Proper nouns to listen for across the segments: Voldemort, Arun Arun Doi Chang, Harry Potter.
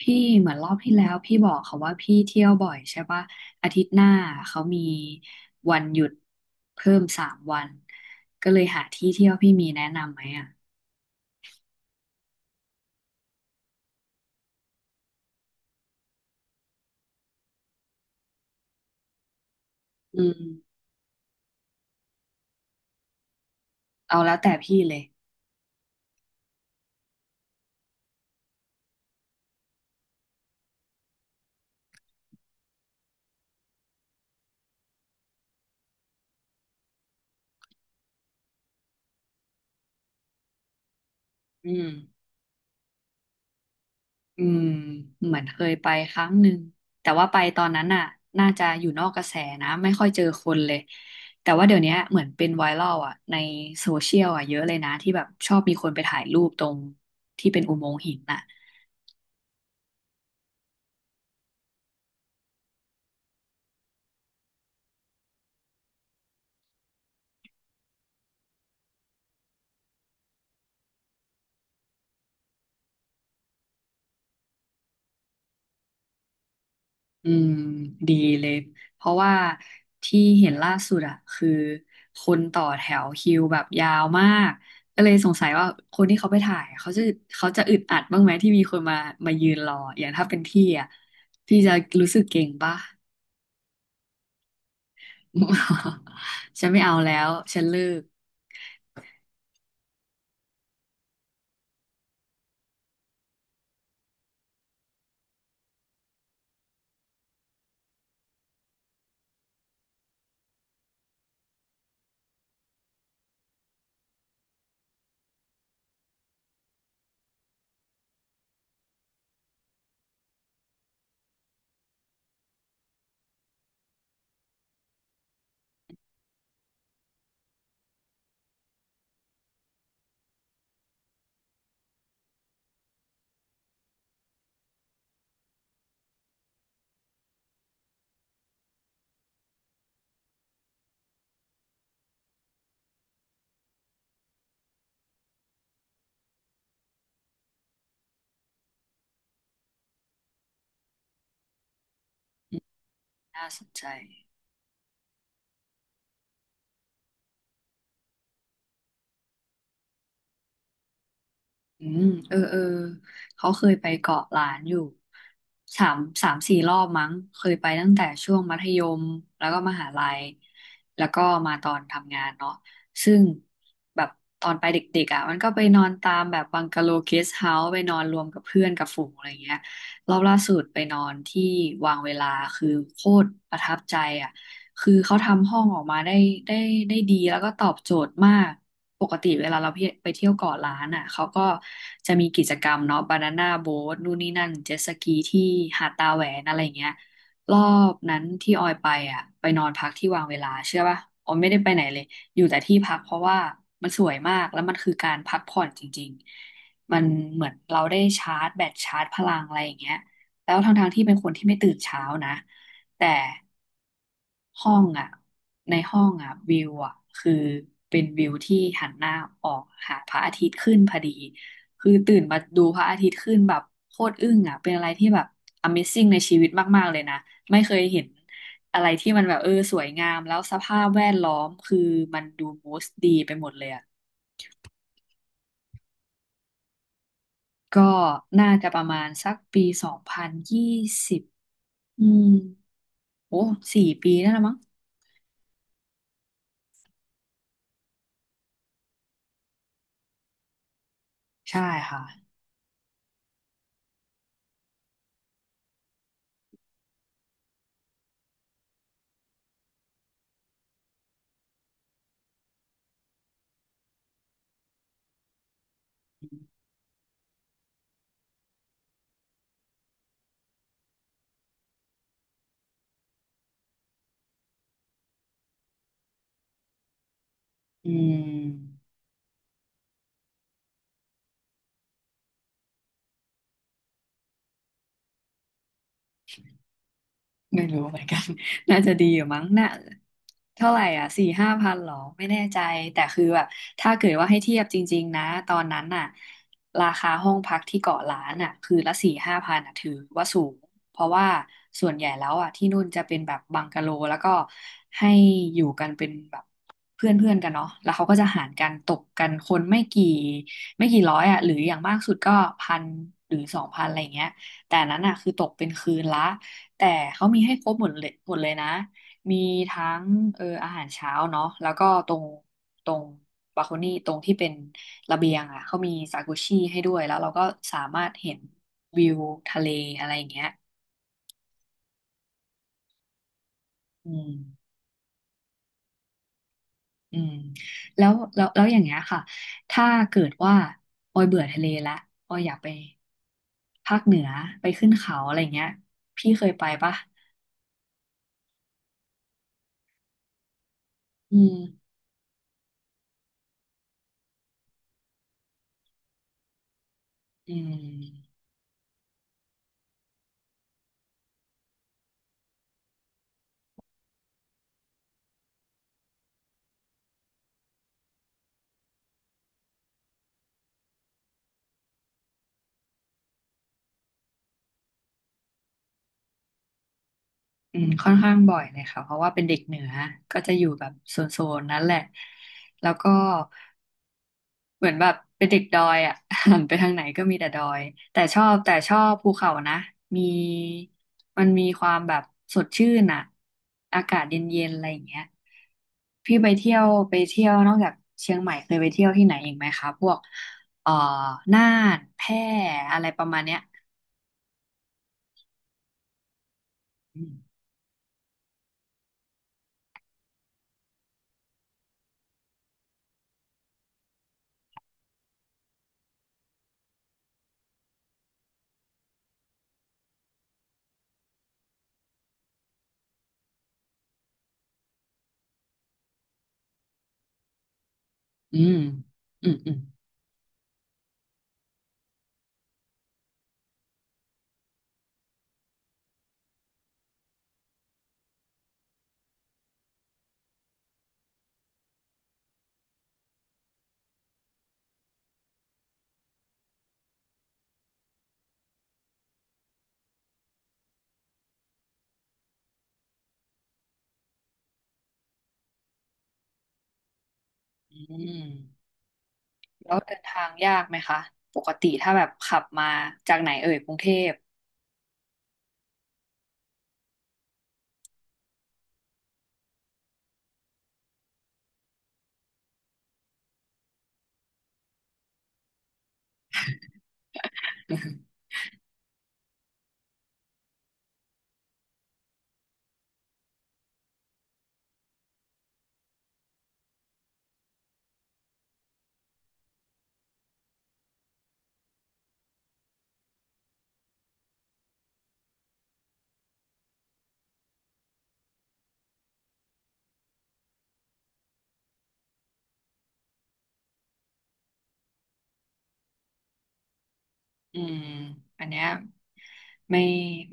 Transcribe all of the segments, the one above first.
พี่เหมือนรอบที่แล้วพี่บอกเขาว่าพี่เที่ยวบ่อยใช่ปะอาทิตย์หน้าเขามีวันหยุดเพิ่ม3 วันก็เลยหาที่เที่ยวพี่มีแนะนำไหมอ่ะอืมเอาแล้วแต่พี่เลยอืมอืมเหมือนเคยไปครั้งหนึ่งแต่ว่าไปตอนนั้นน่ะน่าจะอยู่นอกกระแสนะไม่ค่อยเจอคนเลยแต่ว่าเดี๋ยวนี้เหมือนเป็นไวรัลอ่ะในโซเชียลอ่ะเยอะเลยนะที่แบบชอบมีคนไปถ่ายรูปตรงที่เป็นอุโมงค์หินน่ะ อืมดีเลยเพราะว่าที่เห็นล่าสุดอะคือคนต่อแถวคิวแบบยาวมากก็เลยสงสัยว่าคนที่เขาไปถ่ายเขาจะเขาจะอึดอัดบ้างไหมที่มีคนมามายืนรออย่างถ้าเป็นพี่อะพี่จะรู้สึกเก่งป่ะ ฉันไม่เอาแล้วฉันเลิกน่าสนใจ อืมเออเออเขาเคยไปเกาะล้านอยู่สามสามสี่รอบมั้งเคยไปตั้งแต่ช่วงมัธยมแล้วก็มหาลัยแล้วก็มาตอนทำงานเนาะซึ่งแบบตอนไปเด็กๆอ่ะมันก็ไปนอนตามแบบบังกะโลเกสเฮาส์ไปนอนรวมกับเพื่อนกับฝูงอะไรเงี้ยรอบล่าสุดไปนอนที่วางเวลาคือโคตรประทับใจ คือเขาทำห้องออกมาได้ได้ดีแล้วก็ตอบโจทย์มากปกติเวลาเราไปเที่ยวเกาะล้านอ่ะเขาก็จะมีกิจกรรมเนาะบานาน่าโบ๊ทนู่นนี่นั่นเจ็ตสกีที่หาดตาแหวนอะไรอย่างเงี้ยรอบนั้นที่ออยไปอ่ะไปนอนพักที่วางเวลาเชื่อป่ะออยไม่ได้ไปไหนเลยอยู่แต่ที่พักเพราะว่ามันสวยมากแล้วมันคือการพักผ่อนจริงๆมันเหมือนเราได้ชาร์จแบตชาร์จพลังอะไรอย่างเงี้ยแล้วทั้งๆที่เป็นคนที่ไม่ตื่นเช้านะแต่ ห้องอ่ะ ในห้องอ่ะวิวอ่ะคือเป็นวิวที่หันหน้าออกหาพระอาทิตย์ขึ้นพอดีคือตื่นมาดูพระอาทิตย์ขึ้นแบบโคตรอึ้งอ่ะเป็นอะไรที่แบบ Amazing ในชีวิตมากๆเลยนะไม่เคยเห็นอะไรที่มันแบบเออสวยงามแล้วสภาพแวดล้อมคือมันดูบูสต์ดีไปหมดเลยอ่ะก็น่าจะประมาณสักปี2020อืมโอ้4 ปีนั่นละมั้งใช่ค่ะอืม ไม่รู้เหมือนกัน น่าจะดีอยู่มั้งน่ะเท่าไหร่อ่ะสี่ห้าพันหรอไม่แน่ใจแต่คือแบบถ้าเกิดว่าให้เทียบจริงๆนะตอนนั้นน่ะราคาห้องพักที่เกาะล้านอ่ะคือละสี่ห้าพันอ่ะถือว่าสูงเพราะว่าส่วนใหญ่แล้วอ่ะที่นู่นจะเป็นแบบบังกะโลแล้วก็ให้อยู่กันเป็นแบบเพื่อนเพื่อนกันเนาะแล้วเขาก็จะหารกันตกกันคนไม่กี่ร้อยอ่ะหรืออย่างมากสุดก็พันหรือสองพันอะไรอย่างเงี้ยแต่อันนั้นอ่ะคือตกเป็นคืนละ แต่เขามีให้ครบหมดเลยหมดเลยนะมีทั้งเอออาหารเช้าเนาะแล้วก็ตรงบาโคนี่ตรงที่เป็นระเบียงอ่ะเขามีซากุชิให้ด้วยแล้วเราก็สามารถเห็นวิวทะเลอะไรอย่างเงี้ยอืมอืมแล้วอย่างเงี้ยค่ะถ้าเกิดว่าออยเบื่อทะเลละออยอยากไปภาคเหนือไปขึ้นเขาอะไรเงี้ยพี่เคยไปปะอืมอืม อืมค่อนข้างบ่อยเลยค่ะเพราะว่าเป็นเด็กเหนือก็จะอยู่แบบโซนโซนนั้นแหละแล้วก็เหมือนแบบเป็นเด็กดอยอ่ะ หันไปทางไหนก็มีแต่ดอยแต่ชอบแต่ชอบภูเขานะมีมันมีความแบบสดชื่นอ่ะอากาศเย็นๆอะไรอย่างเงี้ยพี่ไปเที่ยวนอกจากเชียงใหม่เคยไปเที่ยวที่ไหนอีกไหมคะพวกเอ่อน่านแพร่อะไรประมาณเนี้ยอืมอืมอืมอืมอืม แล้วเดินทางยากไหมคะปกติถ้าแบบขับมาจากไหนเอ่ยกรุงเทพอืมอันเนี้ยไม่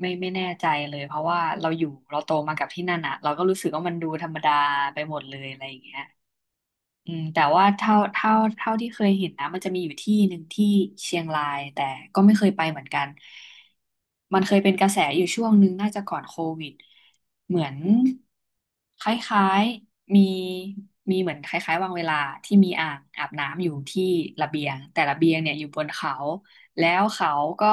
ไม่แน่ใจเลยเพราะว่าเราอยู่เราโตมากับที่นั่นอะเราก็รู้สึกว่ามันดูธรรมดาไปหมดเลยอะไรอย่างเงี้ย อืมแต่ว่าเท่าที่เคยเห็นนะมันจะมีอยู่ที่หนึ่งที่เชียงรายแต่ก็ไม่เคยไปเหมือนกันมันเคยเป็นกระแสอยู่ช่วงหนึงน่าจะก่อนโควิดเหมือนคล้ายๆมีเหมือนคล้ายๆวางเวลาที่มีอ่างอาบน้ำอยู่ที่ระเบียงแต่ระเบียงเนี่ยอยู่บนเขาแล้วเขาก็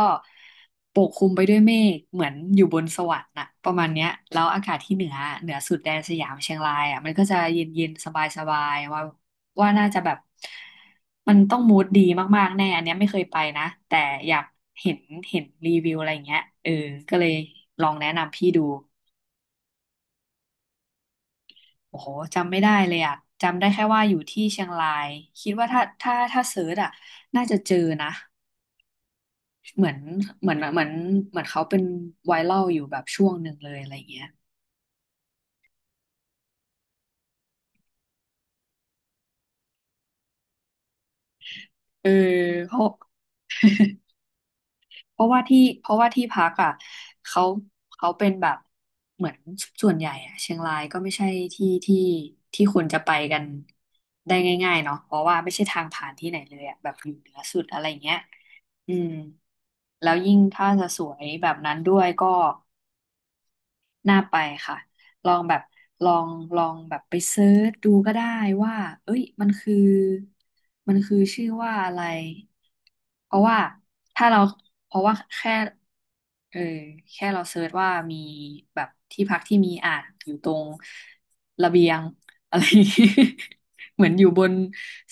ปกคลุมไปด้วยเมฆเหมือนอยู่บนสวรรค์น่ะประมาณเนี้ยแล้วอากาศที่เหนือสุดแดนสยามเชียงรายอ่ะมันก็จะเย็นๆสบายๆว่าน่าจะแบบมันต้องมูดดีมากๆแน่อันเนี้ยไม่เคยไปนะแต่อยากเห็นเห็นรีวิวอะไรอย่างเงี้ยเออก็เลยลองแนะนำพี่ดูโอ้โหจำไม่ได้เลยอ่ะจำได้แค่ว่าอยู่ที่เชียงรายคิดว่าถ้าเสิร์ชอ่ะน่าจะเจอนะเหมือนเหมือนเหมือนเหมือนเขาเป็นไวรัลอยู่แบบช่วงหนึ่งเลยอะไรอย่างเงี้ยเออเพราะ เพราะว่าที่พักอ่ะเขาเขาเป็นแบบเหมือนส่วนใหญ่อ่ะเชียงรายก็ไม่ใช่ที่ที่ที่คนจะไปกันได้ง่ายๆเนาะเพราะว่าไม่ใช่ทางผ่านที่ไหนเลยอ่ะแบบอยู่เหนือสุดอะไรเงี้ยอืมแล้วยิ่งถ้าจะสวยแบบนั้นด้วยก็ น่าไปค่ะลองแบบลองลองแบบไปเซิร์ชดูก็ได้ว่าเอ้ยมันคือชื่อว่าอะไรเพราะว่าถ้าเราเพราะว่าแค่เออแค่เราเซิร์ชว่ามีแบบที่พักที่มีอ่างอยู่ตรงระเบียงอะไรอย่างงี้ เหมือนอยู่บน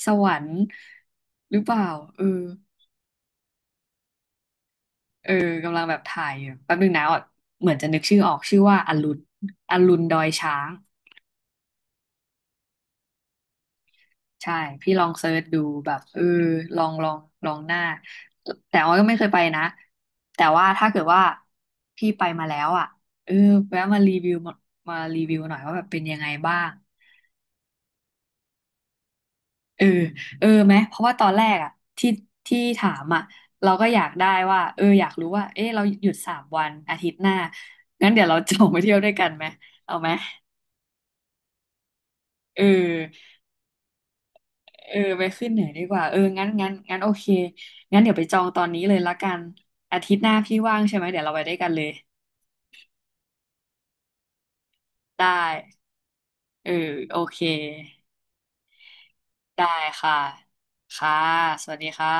สวรรค์หรือเปล่าเออเออกำลังแบบถ่ายอยู่แป๊บนึงนะอ่ะเหมือนจะนึกชื่อออกชื่อว่าอรุณดอยช้าง ใช่พี่ลองเซิร์ชดูแบบเออลองลองลองหน้าแต่ว่าก็ไม่เคยไปนะแต่ว่าถ้าเกิดว่าพี่ไปมาแล้วอ่ะเออแวะมารีวิวมามารีวิวหน่อยว่าแบบเป็นยังไงบ้างเออเออไหมเพราะว่าตอนแรกอ่ะที่ถามอ่ะเราก็อยากได้ว่าเอออยากรู้ว่าเออเราหยุด3 วันอาทิตย์หน้างั้นเดี๋ยวเรา จองไปเที่ยวด้วยกันไหมเอาไหมเออ เออไปขึ้นเหนือดีกว่าเอองั้นโอเคงั้นเดี๋ยวไปจองตอนนี้เลยละกันอาทิตย์หน้าพี่ว่างใช่ไหมเดี๋ยวเราไปด้วยกันเลยได้เออโอเคได้ค่ะค่ะสวัสดีค่ะ